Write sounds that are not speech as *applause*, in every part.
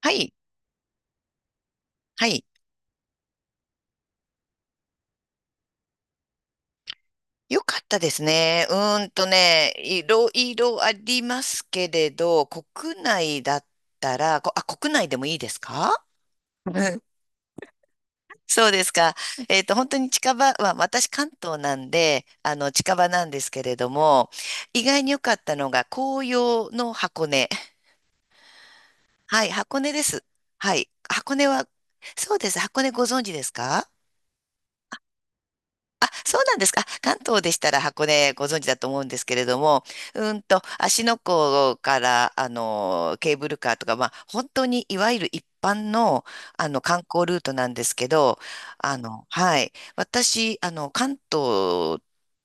はい。はい。よかったですね。いろいろありますけれど、国内だったら、国内でもいいですか？うん。 *laughs* そうですか。本当に近場、まあ、私関東なんで、近場なんですけれども、意外に良かったのが紅葉の箱根。はい、箱根です。はい。箱根は、そうです。箱根ご存知ですか？あ、そうなんですか。あ、関東でしたら箱根ご存知だと思うんですけれども、うんと、芦ノ湖から、ケーブルカーとか、まあ、本当にいわゆる一般の、観光ルートなんですけど、はい。私、関東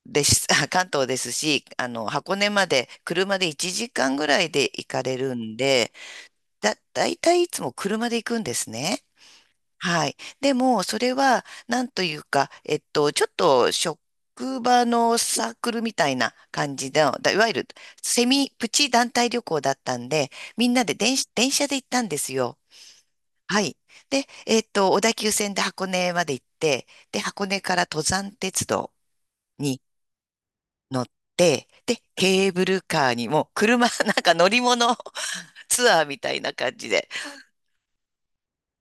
です、*laughs* 関東ですし、箱根まで車で1時間ぐらいで行かれるんで、だいたいいつも車で行くんですね。はい。でも、それは、なんというか、ちょっと職場のサークルみたいな感じで、だいわゆるセミプチ団体旅行だったんで、みんなで電車で行ったんですよ。はい。で、小田急線で箱根まで行って、で、箱根から登山鉄道に乗って、で、ケーブルカーにも、車、なんか乗り物 *laughs* ツアーみたいな感じで、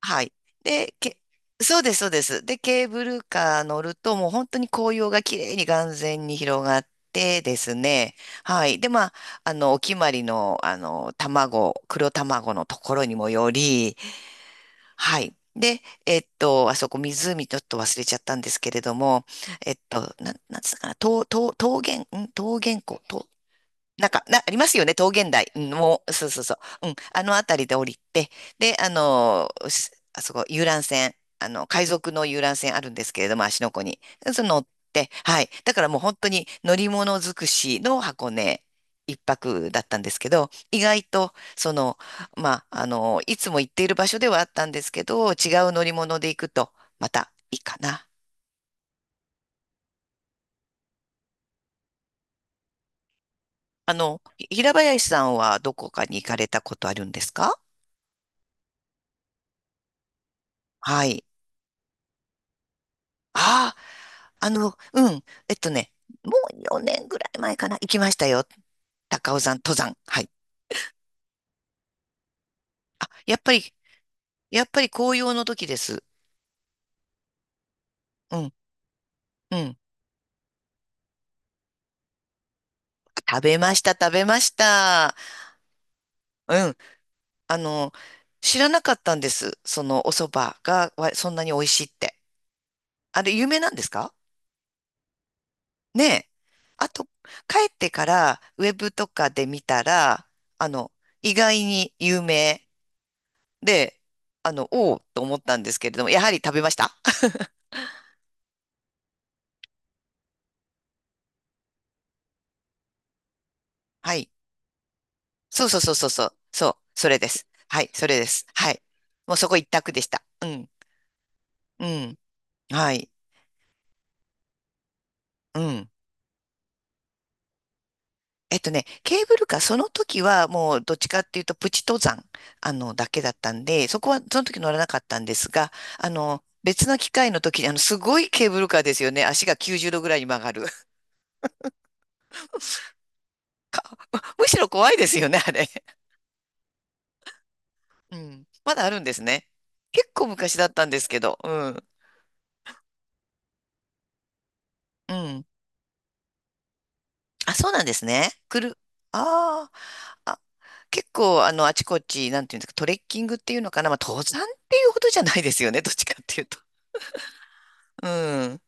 はい。で、け、そうです、そうです。で、ケーブルカー乗ると、もう本当に紅葉が綺麗に眼前に広がってですね。はい。で、まあ、お決まりの、卵、黒卵のところにもより、はい。で、あそこ湖ちょっと忘れちゃったんですけれども、えっと、なんつったかな、とうとう桃源、ん桃源湖、となんか、ありますよね、桃源台。うん、もう、そうそうそう。うん、あのあたりで降りて、で、あそこ、遊覧船、海賊の遊覧船あるんですけれども、芦ノ湖に。その乗って、はい。だからもう本当に乗り物尽くしの箱根一泊だったんですけど、意外と、その、まあ、いつも行っている場所ではあったんですけど、違う乗り物で行くと、またいいかな。平林さんはどこかに行かれたことあるんですか？はい。ああ。うん。もう4年ぐらい前かな、行きましたよ。高尾山登山。はい。あ、やっぱり、やっぱり紅葉の時です。うん、うん。食べました、食べました。うん。あの、知らなかったんです。そのお蕎麦がわそんなに美味しいって。あれ、有名なんですか？ねえ。あと、帰ってからウェブとかで見たら、あの、意外に有名で、おおと思ったんですけれども、やはり食べました。*laughs* はい。そうそうそうそうそう。そう。それです。はい。それです。はい。もうそこ一択でした。うん。うん。はい。うん。えっとね、ケーブルカー、その時はもうどっちかっていうとプチ登山、だけだったんで、そこはその時乗らなかったんですが、別の機会の時に、すごいケーブルカーですよね。足が90度ぐらいに曲がる。*laughs* むしろ怖いですよね、あれ。うん。まだあるんですね。結構昔だったんですけど、うん。うん。あ、そうなんですね。くる、あーあ結構、あちこち、なんていうんですか、トレッキングっていうのかな、まあ、登山っていうほどじゃないですよね、どっちかっていうと。うん。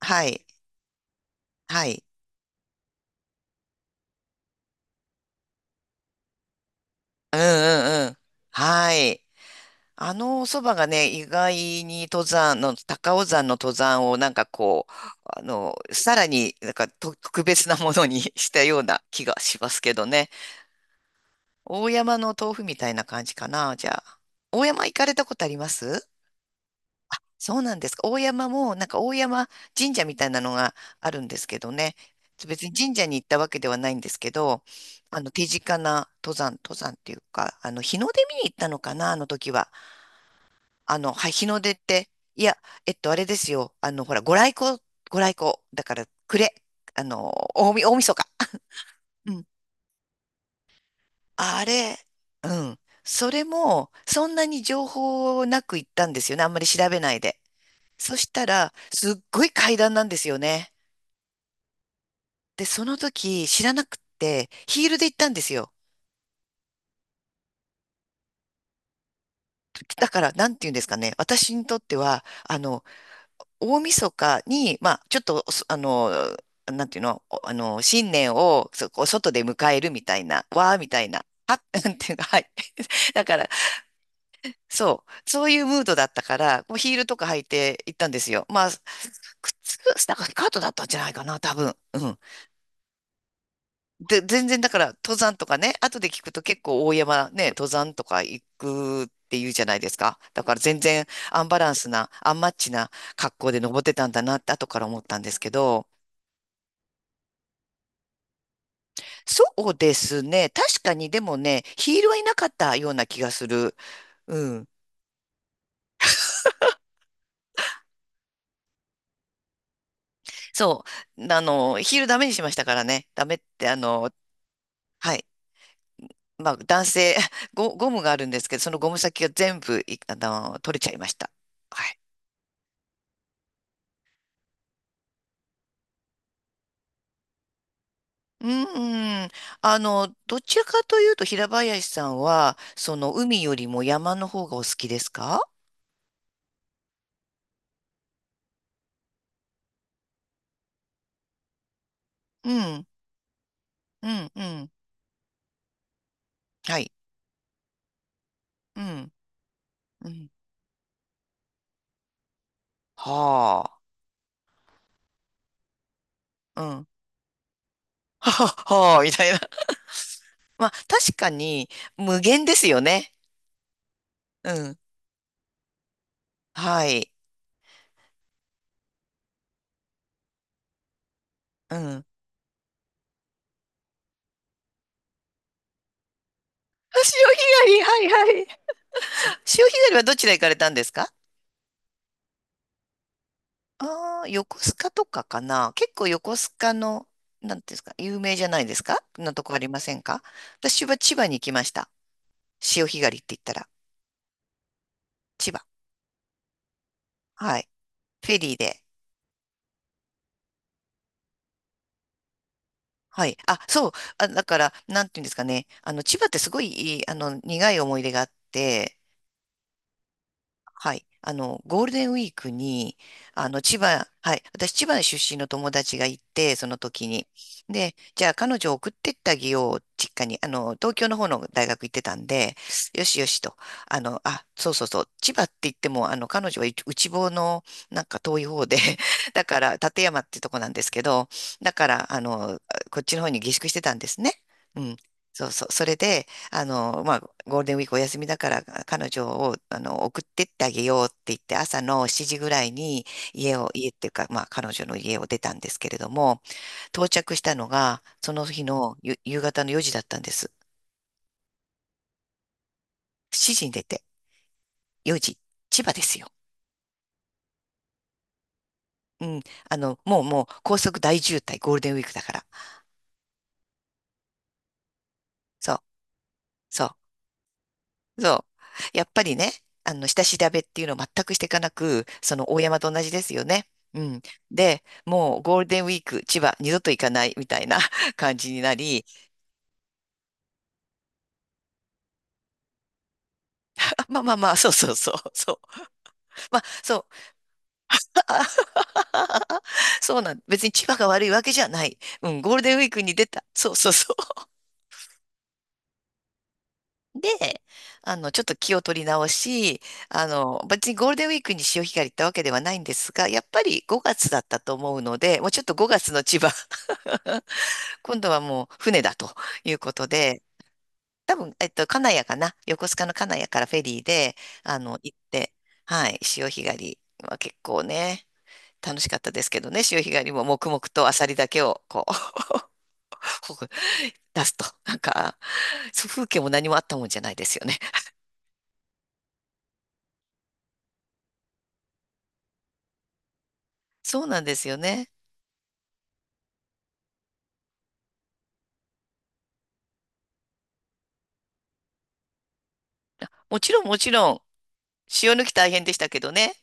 はい。はい。うんうんうん。はい。あのおそばがね、意外に登山の、高尾山の登山をなんかこう、さらになんかと特別なものに *laughs* したような気がしますけどね。大山の豆腐みたいな感じかな、じゃあ。大山行かれたことあります？そうなんですか。大山も、なんか大山神社みたいなのがあるんですけどね。別に神社に行ったわけではないんですけど、手近な登山、登山っていうか、日の出見に行ったのかな、あの時は。はい、日の出って、いや、あれですよ。ほら、ご来光、ご来光。だから、暮れ。大晦日。うん。あれ、うん。それも、そんなに情報なく行ったんですよね。あんまり調べないで。そしたら、すっごい階段なんですよね。で、その時知らなくて、ヒールで行ったんですよ。だから、なんて言うんですかね。私にとっては、あの、大晦日に、まあ、ちょっと、そあの、なんていうの、おあの、新年を、そこ、外で迎えるみたいな、わーみたいな、は、*laughs* なんていうか、はい。*laughs* だから、そう、そういうムードだったから、もうヒールとか履いて行ったんですよ。まあ、靴、なんかスカートだったんじゃないかな、多分。うん。で、全然だから登山とかね、後で聞くと結構大山ね、登山とか行くって言うじゃないですか。だから全然アンバランスな、アンマッチな格好で登ってたんだなって後から思ったんですけど、そうですね。確かにでもね、ヒールはいなかったような気がする。うん。そう。ヒールダメにしましたからね。ダメって、はい。まあ男性、ゴムがあるんですけど、そのゴム先が全部い、あの、取れちゃいました。はい。うん、どちらかというと平林さんは、その海よりも山の方がお好きですか？うん、うん、うん。はい。うん、うん。はあ、うん。はは、はあ、みたいな。*laughs* まあ、確かに無限ですよね。うん。はい。うん。潮干狩り、はいはい。潮干狩りはどちら行かれたんですか？ああ、横須賀とかかな。結構横須賀の、なんていうんですか、有名じゃないですか、なとこありませんか？私は千葉に行きました。潮干狩りって言ったら、千葉。はい。フェリーで。はい。あ、そう。あ、だから、なんていうんですかね。千葉ってすごいいい、苦い思い出があって、はい。ゴールデンウィークに、あの、千葉、はい。私、千葉出身の友達がいて、その時に。で、じゃあ、彼女を送ってってあげよう、実家に。東京の方の大学行ってたんで、よしよしと。あ、そうそうそう。千葉って言っても、彼女は内房の、なんか遠い方で、*laughs* だから、館山ってとこなんですけど、だから、こっちの方に下宿してたんですね。うん。そうそう。それで、まあ、ゴールデンウィークお休みだから、彼女を、送ってってあげようって言って、朝の7時ぐらいに家を、家っていうか、まあ、彼女の家を出たんですけれども、到着したのが、その日の夕方の4時だったんです。7時に出て、4時、千葉ですよ。うん。もうもう、高速大渋滞、ゴールデンウィークだから。そう、そう。そう。やっぱりね、下調べっていうのを全くしていかなく、その大山と同じですよね。うん。で、もうゴールデンウィーク、千葉、二度と行かないみたいな *laughs* 感じになり、あ、まあまあまあ、そうそうそう、そう。まあ、そう、*laughs* そうなん、別に千葉が悪いわけじゃない。うん、ゴールデンウィークに出た。そうそうそう。で、ちょっと気を取り直し、別にゴールデンウィークに潮干狩り行ったわけではないんですが、やっぱり5月だったと思うので、もうちょっと5月の千葉、今度はもう船だということで、多分、金谷かな、横須賀の金谷からフェリーで、行って、はい、潮干狩りは結構ね、楽しかったですけどね、潮干狩りも黙々とアサリだけをこう、*laughs* 出すと、なんか、そう風景も何もあったもんじゃないですよね。そうなんですよね。もちろん、もちろん、潮抜き大変でしたけどね。